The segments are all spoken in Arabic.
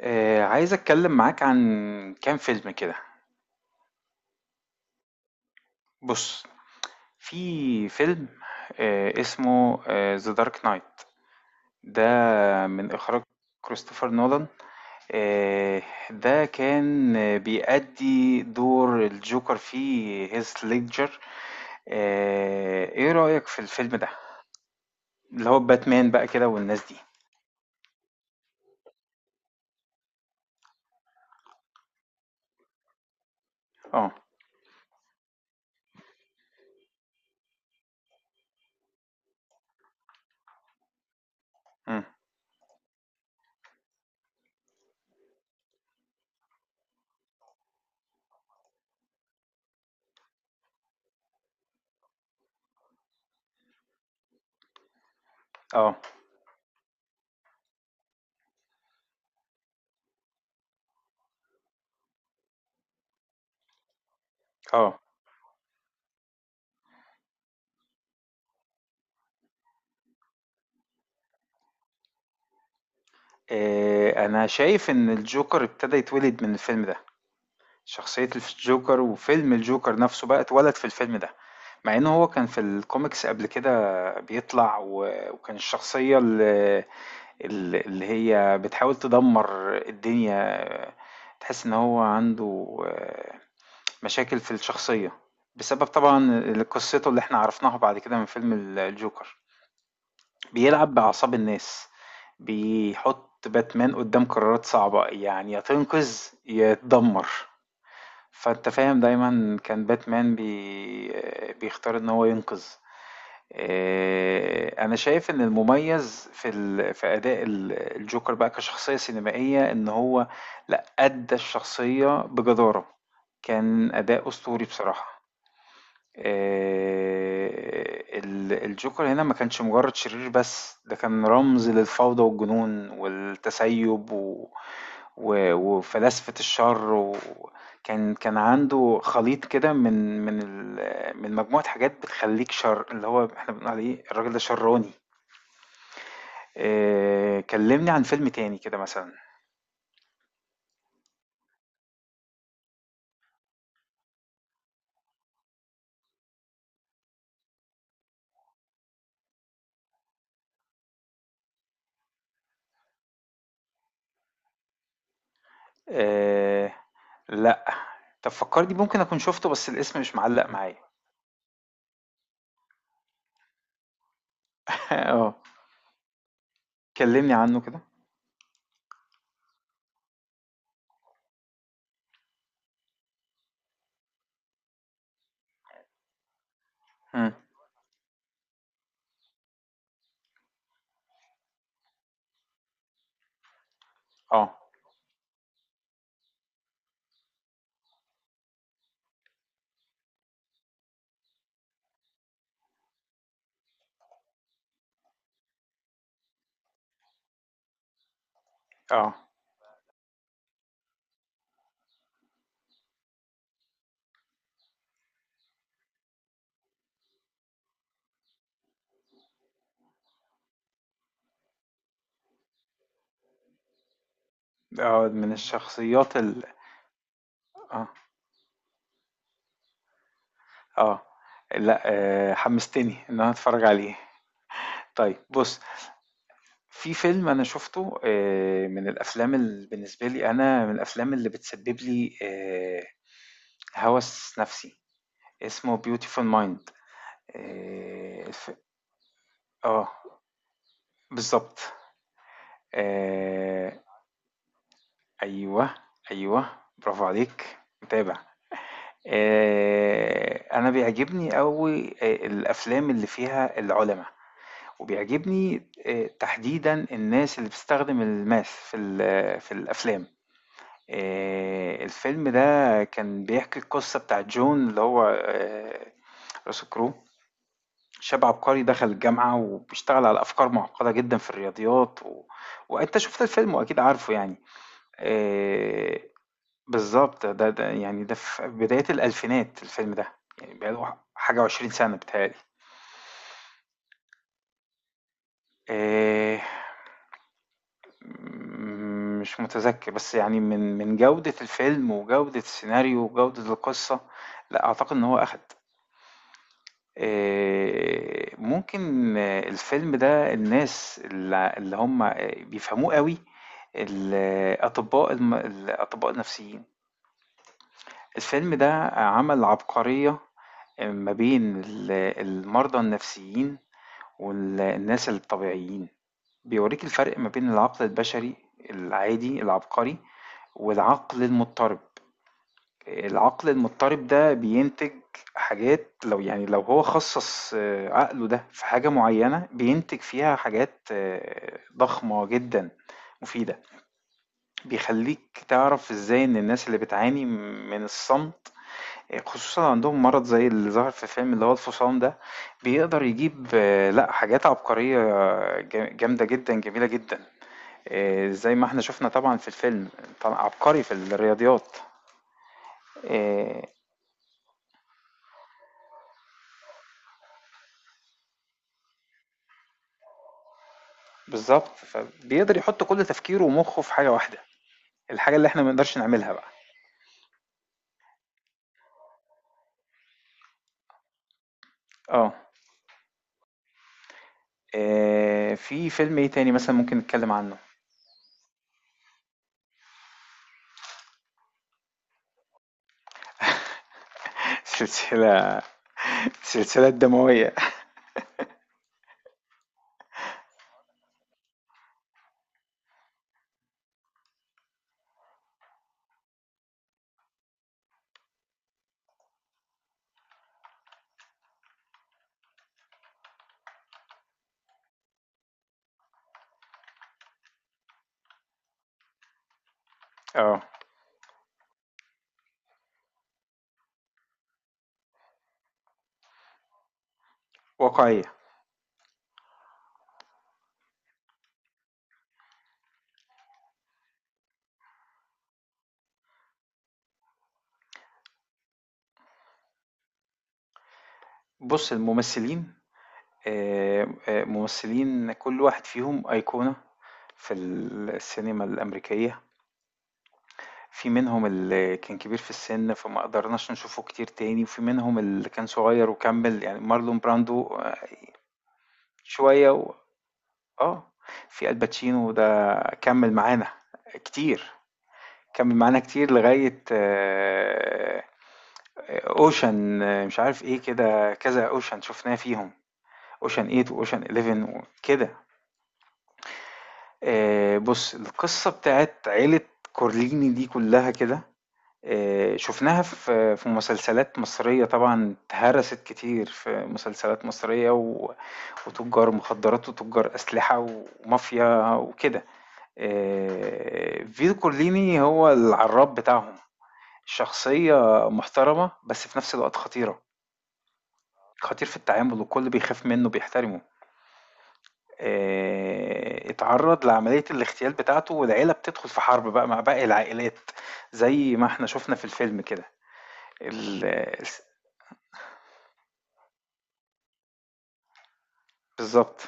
عايز اتكلم معاك عن كام فيلم كده. بص، في فيلم اسمه ذا دارك نايت ده، من اخراج كريستوفر نولان. آه، ده كان بيأدي دور الجوكر في هيث ليدجر. ايه رأيك في الفيلم ده اللي هو باتمان بقى كده والناس دي؟ اه. مم. اه. اه. انا شايف ان الجوكر ابتدى يتولد من الفيلم ده، شخصية الجوكر وفيلم الجوكر نفسه بقى اتولد في الفيلم ده، مع ان هو كان في الكوميكس قبل كده. بيطلع وكان الشخصية اللي هي بتحاول تدمر الدنيا. تحس ان هو عنده مشاكل في الشخصية بسبب طبعا قصته اللي احنا عرفناها بعد كده من فيلم الجوكر. بيلعب بأعصاب الناس، بيحط باتمان قدام قرارات صعبة، يعني يا تنقذ يا تدمر. فأنت فاهم، دايما كان باتمان بيختار ان هو ينقذ. انا شايف ان المميز في اداء الجوكر بقى كشخصية سينمائية ان هو لا، ادى الشخصية بجدارة. كان اداء اسطوري بصراحة. الجوكر هنا ما كانش مجرد شرير بس، ده كان رمز للفوضى والجنون والتسيب وفلاسفة الشر. وكان عنده خليط كده من من ال... من مجموعة حاجات بتخليك شر، اللي هو احنا بنقول عليه الراجل ده شراني. كلمني عن فيلم تاني كده مثلا. آه، لا. طب فكرني، ممكن اكون شفته بس الاسم مش معلق معايا. اه. كلمني عنه كده. مم. اه. آه، من الشخصيات ال... آه، آه، لأ. حمستني إن أنا أتفرّج عليه. طيب بُص، في فيلم أنا شُفته، من الأفلام بالنسبة لي، أنا من الأفلام اللي بتسبب لي هَوَس نَفْسي، اسمه Beautiful Mind. الف... آه، بالضبط. آآ، أيوه، أيوه، برافو عليك، متابع. أنا بيعجبني أوي الأفلام اللي فيها العُلَما. وبيعجبني تحديدًا الناس اللي بتستخدم الماث في الأفلام. الفيلم ده كان بيحكي القصة بتاعة جون اللي هو russell crowe، شاب عبقري دخل الجامعة وبيشتغل على أفكار معقدة جدًا في الرياضيات وأنت شُفت الفيلم وأكيد عارفه يعني. آآ بالضبط. ده يعني ده في بدايات الألفينات الفيلم ده، يعني بقى له حاجة و20 سَنة بيتهيأ لي. آآ مم، مش متذكر، بس يعني من جودة الفيلم وجودة السيناريو وجودة القصة لا أعتقد إن هو أخد. ممكن الفيلم ده الناس اللي هم بيفهموه قوي، الأطباء الأطباء النفسيين. الفيلم ده عمل عبقرية ما بين المرضى النفسيين والناس الطبيعيين. بيوريك الفرق ما بين العقل البشري العادي العبقري والعقل المضطرب. العقل المضطرب ده بينتج حاجات، لو يعني لو هو خصص عقله ده في حاجة معينة بينتج فيها حاجات ضخمة جدا مفيدة. بيخليك تعرف ازاي ان الناس اللي بتعاني من الصمت، خصوصا عندهم مرض زي اللي ظهر في فيلم اللي هو الفصام ده، بيقدر يجيب لا، حاجات عبقرية جامدة جدا، جميلة جدا، زي ما احنا شفنا طبعا في الفيلم. طبعا عبقري في الرياضيات. آه، بالظبط، فبيقدر يحط كل تفكيره ومخه في حاجة واحدة، الحاجة اللي احنا ما نقدرش نعملها بقى. اه. في فيلم ايه تاني مثلا ممكن نتكلم عنه؟ سلسلة، سلسلة دموية. اه. واقعية. بص الممثلين، ممثلين، كل واحد فيهم أيقونة في السينما الأمريكية. في منهم اللي كان كبير في السن فما قدرناش نشوفه كتير تاني، وفي منهم اللي كان صغير وكمل، يعني مارلون براندو. شوية اه. في الباتشينو ده كمل معانا كتير، كمل معانا كتير لغاية اوشن، مش عارف ايه كده، كذا اوشن شفناه فيهم، اوشن 8 واوشن 11 وكده. بص، القصة بتاعت عيلة كورليني دي كلها كده شفناها في مسلسلات مصرية طبعا، اتهرست كتير في مسلسلات مصرية وتجار مخدرات وتجار أسلحة ومافيا وكده. فيتو كورليني هو العراب بتاعهم، شخصية محترمة بس في نفس الوقت خطيرة، خطير في التعامل والكل بيخاف منه بيحترمه. اتعرض لعملية الاغتيال بتاعته والعيلة بتدخل في حرب بقى مع باقي العائلات، زي ما احنا شفنا في الفيلم كده. ال- بالضبط.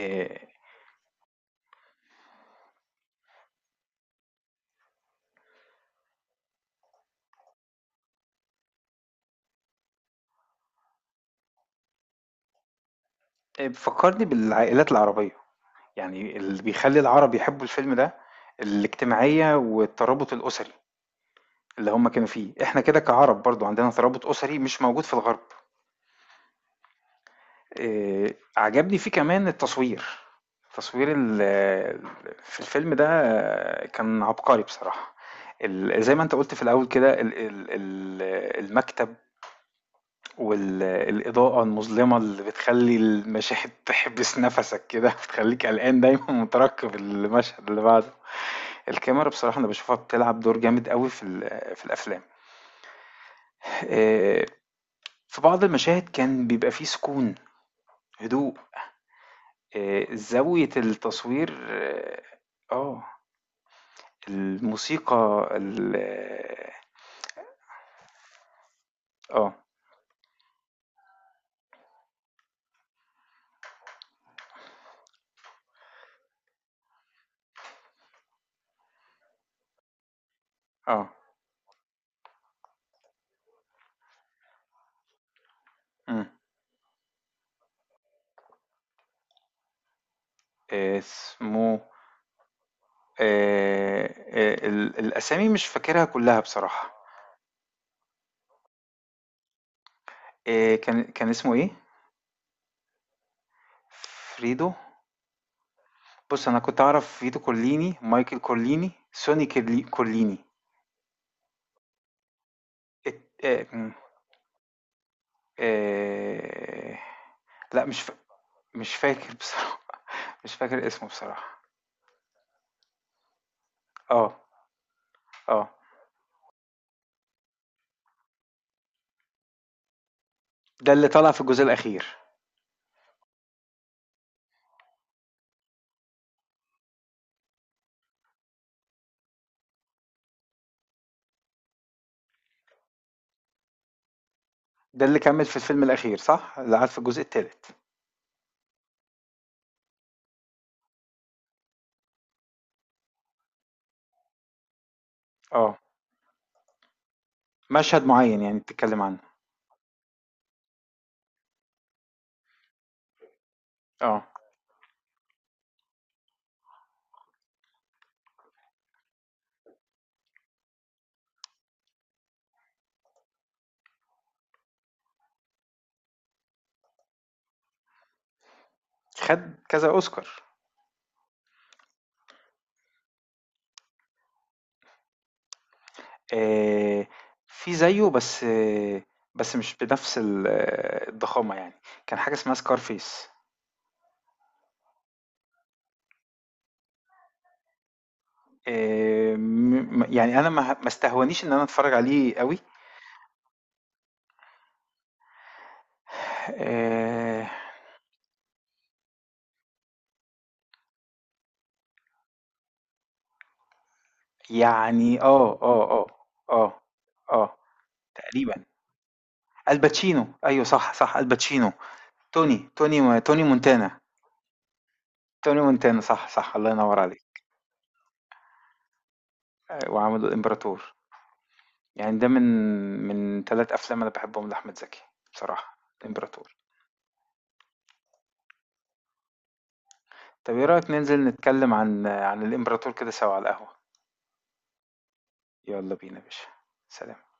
آآ فكّرني بالعائلات العربية، يعني اللي بيخلّي العرب يحبّوا الفيلم ده الاجتماعية والترابط الأسري اللي هم كانوا فيه. إحنا كده كعرب برضه عندنا ترابط أسري مش موجود في الغرب. عجبني فيه كمان التصوير، تصوير في الفيلم ده كان عبقري بصراحة. زي ما أنت قُلت في الأول كده، ال ال ال المكتب والإضاءة المظلمة اللي بتخلّي المشاهد تحبس نَفَسك كده، بتخلّيك قلقان دايمًا ومترقب المشهد اللي بعده. الكاميرا بصراحة أنا باشوفها بتلعب دور جامد أوي في الأفلام. آآ في بعض المشاهد كان بيبقى في سكون، هدوء، زاوية التصوير. آه، الموسيقى ال... آه، آه، إمم، اسمه ال الأسامي مش فاكرها كلّها بصراحة. إيه، كان اسمه ايه؟ فريدو. بص انا كنت اعرف فريدو كورليني، مايكل كورليني، سوني كورليني. إيه إيه. لا، مش فاكر بصراحة مش فاكر اسمه بصراحة. اه. اه. ده اللي طلع في الجزء الأخير. ده اللي كمل في الفيلم الأخير، صح؟ اللي قعد في الجزء الثالث. اه. مشهد معين يعني بتتكلم عنه؟ اه. خد كذا أوسكار. آآ في زيّه، بس بس مش بنفس ال آه، الضخامة يعني، كان حاجة اسمها Scarface. م م يعني أنا ما استهونيش إن أنا أتفرّج عليه أوي. آآ يعني آه، آه، تقريبًا. الباتشينو أيوه، صح، صح، الباتشينو، توني، توني توني مونتانا. توني مونتانا، صح، صح، الله ينوّر عليك. وعمل الإمبراطور، يعني ده من 3 أفلام أنا باحبهم لأحمد زكي بصراحة، الإمبراطور. طب ايه رأيك ننزل نتكلم عن الإمبراطور كده سوا على القهوة؟ يلا بينا يا باشا. سلام.